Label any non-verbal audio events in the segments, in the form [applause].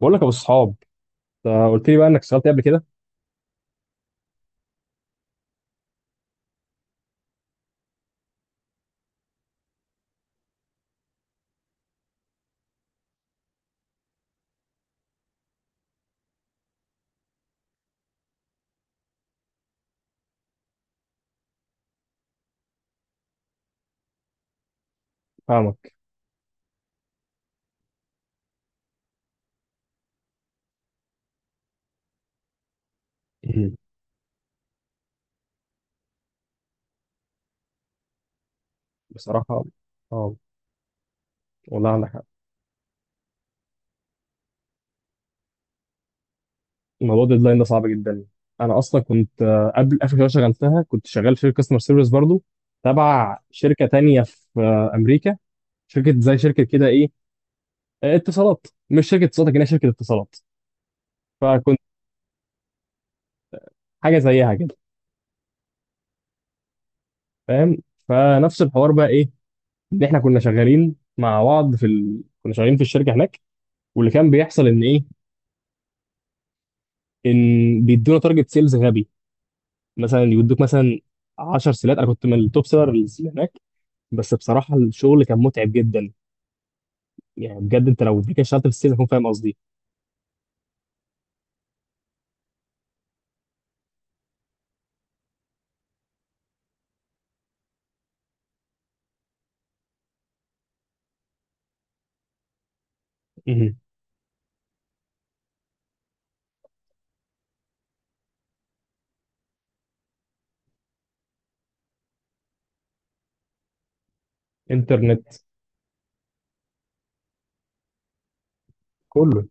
بقول لك يا ابو الصحاب، أنت قلت لي بقى انك اشتغلت إيه قبل كده؟ فاهمك. مم. بصراحه اه. والله عندك حق، موضوع الديدلاين ده صعب جدا. انا اصلا كنت قبل اخر شغله شغلتها كنت شغال في كاستمر سيرفيس برضو، تبع شركه تانية في امريكا. شركه زي شركه كده ايه، اتصالات، مش شركه اتصالات لكنها شركه اتصالات. فكنت حاجه زيها كده، فاهم؟ فنفس الحوار بقى ايه، ان احنا كنا شغالين مع بعض كنا شغالين في الشركه هناك. واللي كان بيحصل ان ايه، ان بيدونا تارجت سيلز غبي، مثلا يودوك مثلا 10 سيلات. انا كنت من التوب سيلرز اللي هناك، بس بصراحه الشغل كان متعب جدا. يعني بجد انت لو كده اشتغلت في السيلز هتكون فاهم قصدي. مهم. انترنت. كله.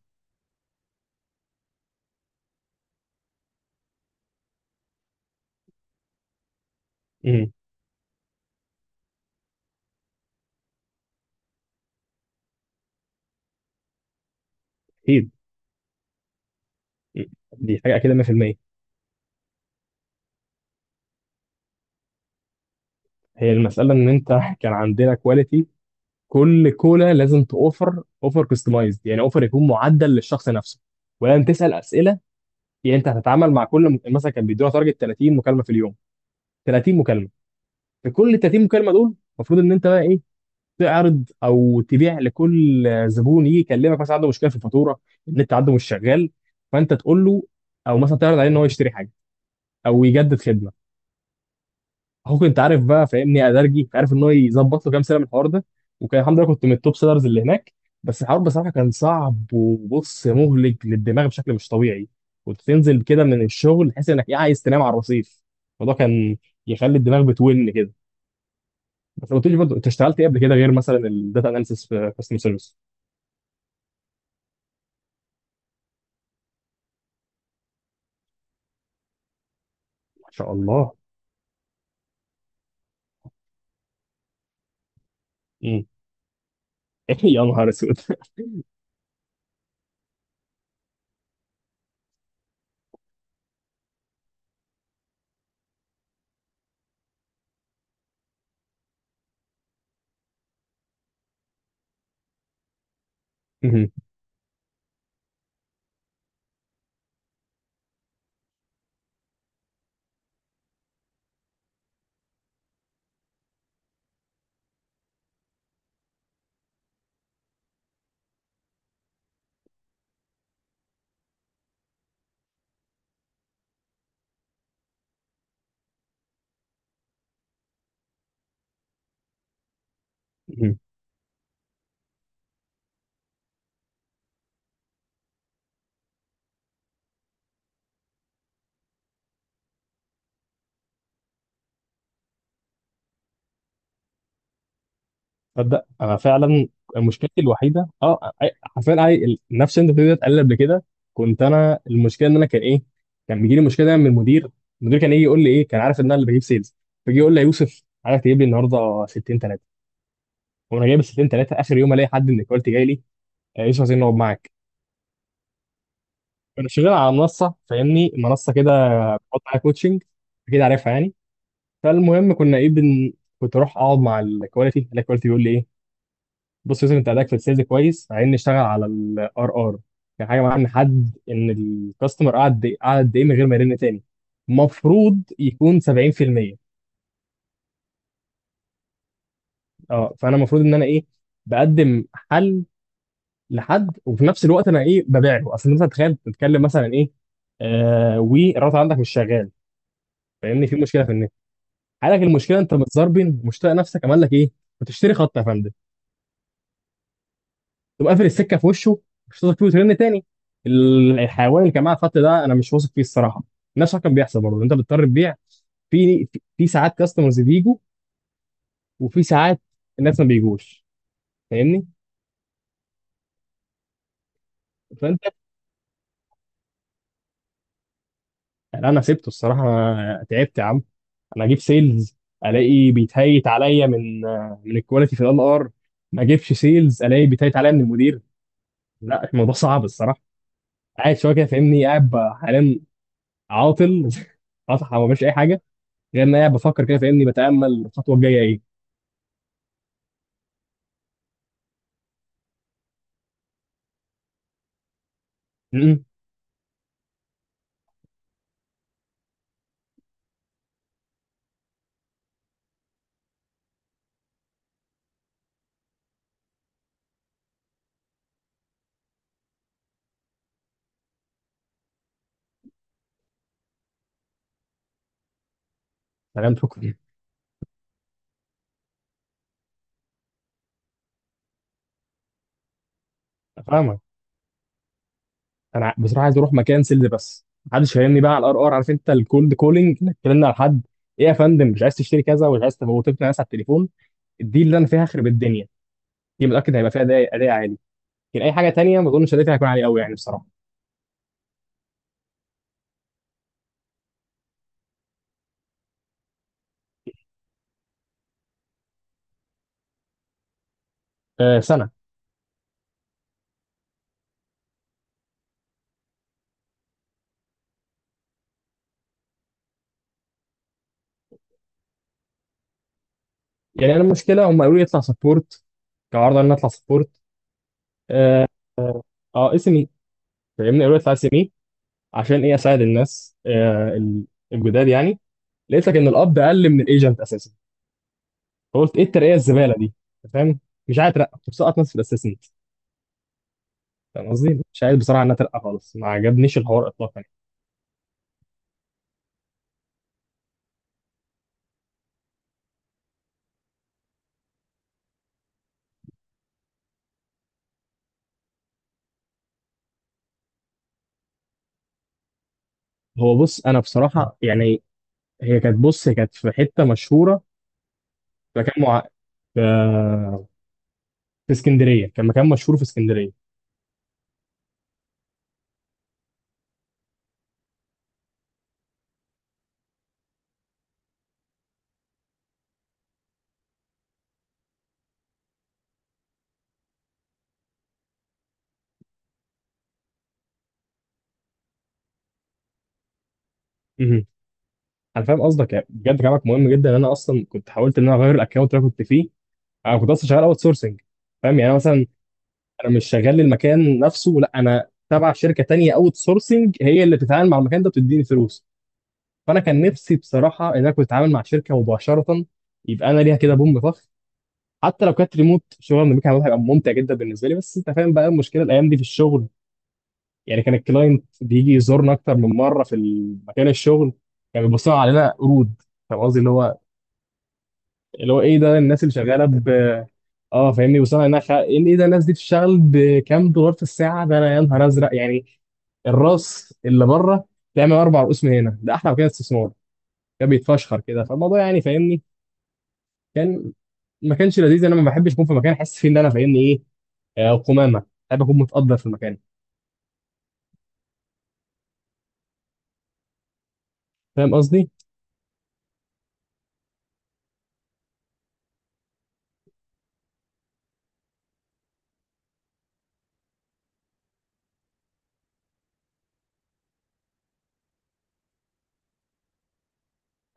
مهم. اكيد. مهم. دي حاجه اكيد 100%. هي المساله ان انت كان عندنا كواليتي، كل كولا لازم توفر اوفر كستمايزد، يعني اوفر يكون معدل للشخص نفسه، ولازم تسال اسئله. يعني انت هتتعامل مع كل مثلا كان بيدونا تارجت 30 مكالمه في اليوم، 30 مكالمه. في كل 30 مكالمه دول المفروض ان انت بقى ايه، تعرض او تبيع لكل زبون يجي يكلمك. مثلا عنده مشكله في الفاتوره، النت عنده مش شغال، فانت تقول له، او مثلا تعرض عليه ان هو يشتري حاجه او يجدد خدمه. اخوك انت عارف بقى، فاهمني ادرجي، انت عارف ان هو يظبط له كام سنه من الحوار ده. وكان الحمد لله كنت من التوب سيلرز اللي هناك، بس الحوار بصراحه كان صعب، وبص، مهلك للدماغ بشكل مش طبيعي. كنت تنزل كده من الشغل تحس انك إيه، عايز تنام على الرصيف. الموضوع كان يخلي الدماغ بتون كده. بس ما قلتليش برضه انت اشتغلت ايه قبل كده، غير مثلا الداتا اناليسيس في كاستمر سيرفيس؟ ما شاء الله. مم. [laughs] يا نهار اسود. مهم. مهم. تصدق انا فعلا مشكلتي الوحيده اه، حرفيا نفس اللي انت بتقول اتقل قبل كده. كنت انا المشكله ان انا كان ايه، كان بيجي لي مشكله دايما من المدير. المدير كان يجي يقول لي ايه، كان عارف ان انا اللي بجيب سيلز، فيجي يقول لي يا يوسف عايزك تجيب لي النهارده 60 3. وانا جايب 60 3 اخر يوم الاقي حد من الكواليتي جاي لي يوسف عايزين نقعد معاك. انا شغال على منصه، فاهمني منصه كده، بحط عليها كوتشنج، اكيد عارفها يعني. فالمهم كنا ايه كنت اروح اقعد مع الكواليتي بيقول لي ايه، بص يا يوسف انت اداك في السيلز كويس، عايزين نشتغل على الار ار. كان حاجه معاه نحدد ان الكاستمر قعد قد ايه من غير ما يرن تاني. المفروض يكون 70%. اه، فانا المفروض ان انا ايه، بقدم حل لحد، وفي نفس الوقت انا ايه، ببيع له. اصل انت مثلا تخيل تتكلم مثلا ايه، والراوتر عندك مش شغال، فاهمني، في مشكله في النت، حالك المشكله، انت متزربن مش طايق نفسك، عمل لك ايه، بتشتري خط يا فندم؟ تقوم قافل السكه في وشه، مش واثق فيه وترن تاني، الحيوان اللي كان معاه الخط ده انا مش واثق فيه الصراحه. نفس الحوار كان بيحصل برضه، انت بتضطر تبيع. في ساعات كاستمرز بيجوا، وفي ساعات الناس ما بيجوش، فاهمني؟ فانت، يعني انا سبته الصراحه، أنا تعبت يا عم. انا اجيب سيلز الاقي بيتهيت عليا من، من الكواليتي في ال ار. ما اجيبش سيلز الاقي بيتهيت عليا من المدير. لا الموضوع صعب الصراحه. قاعد شويه كده، فاهمني، قاعد حاليا عاطل. [laughs] عاطل ما بعملش اي حاجه، غير ان انا قاعد بفكر كده، فاهمني، بتامل الخطوه الجايه ايه. م-م. تمام شكرا. فاهمك. انا بصراحه عايز اروح مكان سيلز، بس محدش فاهمني بقى على الار ار، عارف انت الكولد كولينج انك تكلمنا على حد، ايه يا فندم مش عايز تشتري كذا، ومش عايز تبقى وتقنع ناس على التليفون، دي اللي انا فيها هخرب الدنيا. دي متاكد هيبقى فيها أداء عالي، لكن اي حاجه تانيه ما اظنش ادائي هيكون عالي قوي يعني بصراحه. سنه. يعني انا المشكله هم قالوا لي اطلع سبورت، كعرض ان أنا اطلع سبورت. اه. اس ام اي، فاهمني قالوا لي اطلع اس ام اي، عشان ايه، اساعد الناس الجداد يعني. لقيت لك ان القبض اقل من الايجنت اساسا، فقلت ايه الترقيه الزباله دي، أنت فاهم؟ مش عايز اترقى، كنت مسقط نفسي في الاسيسنت. فاهم قصدي، مش عايز بصراحه ان أنا اترقى خالص، ما عجبنيش الحوار اطلاقا يعني. هو بص انا بصراحه يعني، هي كانت، بص، هي كانت في حته مشهوره، في مكان مع... في... في اسكندريه، كان مكان مشهور في اسكندريه. مهم. انا فاهم قصدك، يعني بجد كلامك مهم جدا. ان انا اصلا كنت حاولت ان انا اغير الاكونت اللي انا كنت فيه. انا كنت اصلا شغال اوت سورسنج، فاهم؟ يعني أنا مثلا انا مش شغال للمكان نفسه لا، انا تبع شركه تانية اوت سورسنج هي اللي بتتعامل مع المكان ده، بتديني فلوس. فانا كان نفسي بصراحه ان انا كنت اتعامل مع شركه مباشره، يبقى انا ليها كده بوم طخ. حتى لو كانت ريموت شغل من المكان هيبقى ممتع جدا بالنسبه لي. بس انت فاهم بقى المشكله الايام دي في الشغل، يعني كان الكلاينت بيجي يزورنا اكتر من مره في مكان الشغل، كان يعني بيبصوا علينا قرود. فاهم قصدي، اللي هو ايه ده الناس اللي شغاله. اه، فاهمني، وصلنا انها ان ايه ده، الناس دي بتشتغل بكام دولار في الساعه، ده انا يا نهار ازرق يعني، الراس اللي بره تعمل اربع رؤوس من هنا، ده احلى مكان استثمار. كان بيتفشخر كده فالموضوع يعني، فاهمني. كان، ما كانش لذيذ، انا ما بحبش اكون في مكان احس فيه ان انا فاهمني ايه، قمامه. بحب اكون متقدر في المكان، فاهم قصدي؟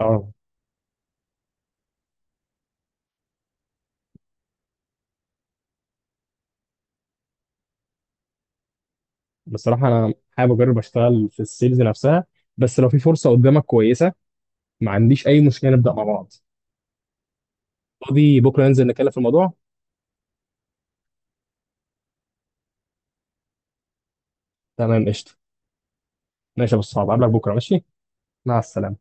اه. بصراحه انا حابب اجرب اشتغل في السيلز نفسها، بس لو في فرصه قدامك كويسه ما عنديش اي مشكله نبدا مع بعض. فاضي بكره ننزل نتكلم في الموضوع. تمام قشطه. ماشي يا ابو الصحاب، اقابلك بكره، ماشي. مع السلامة.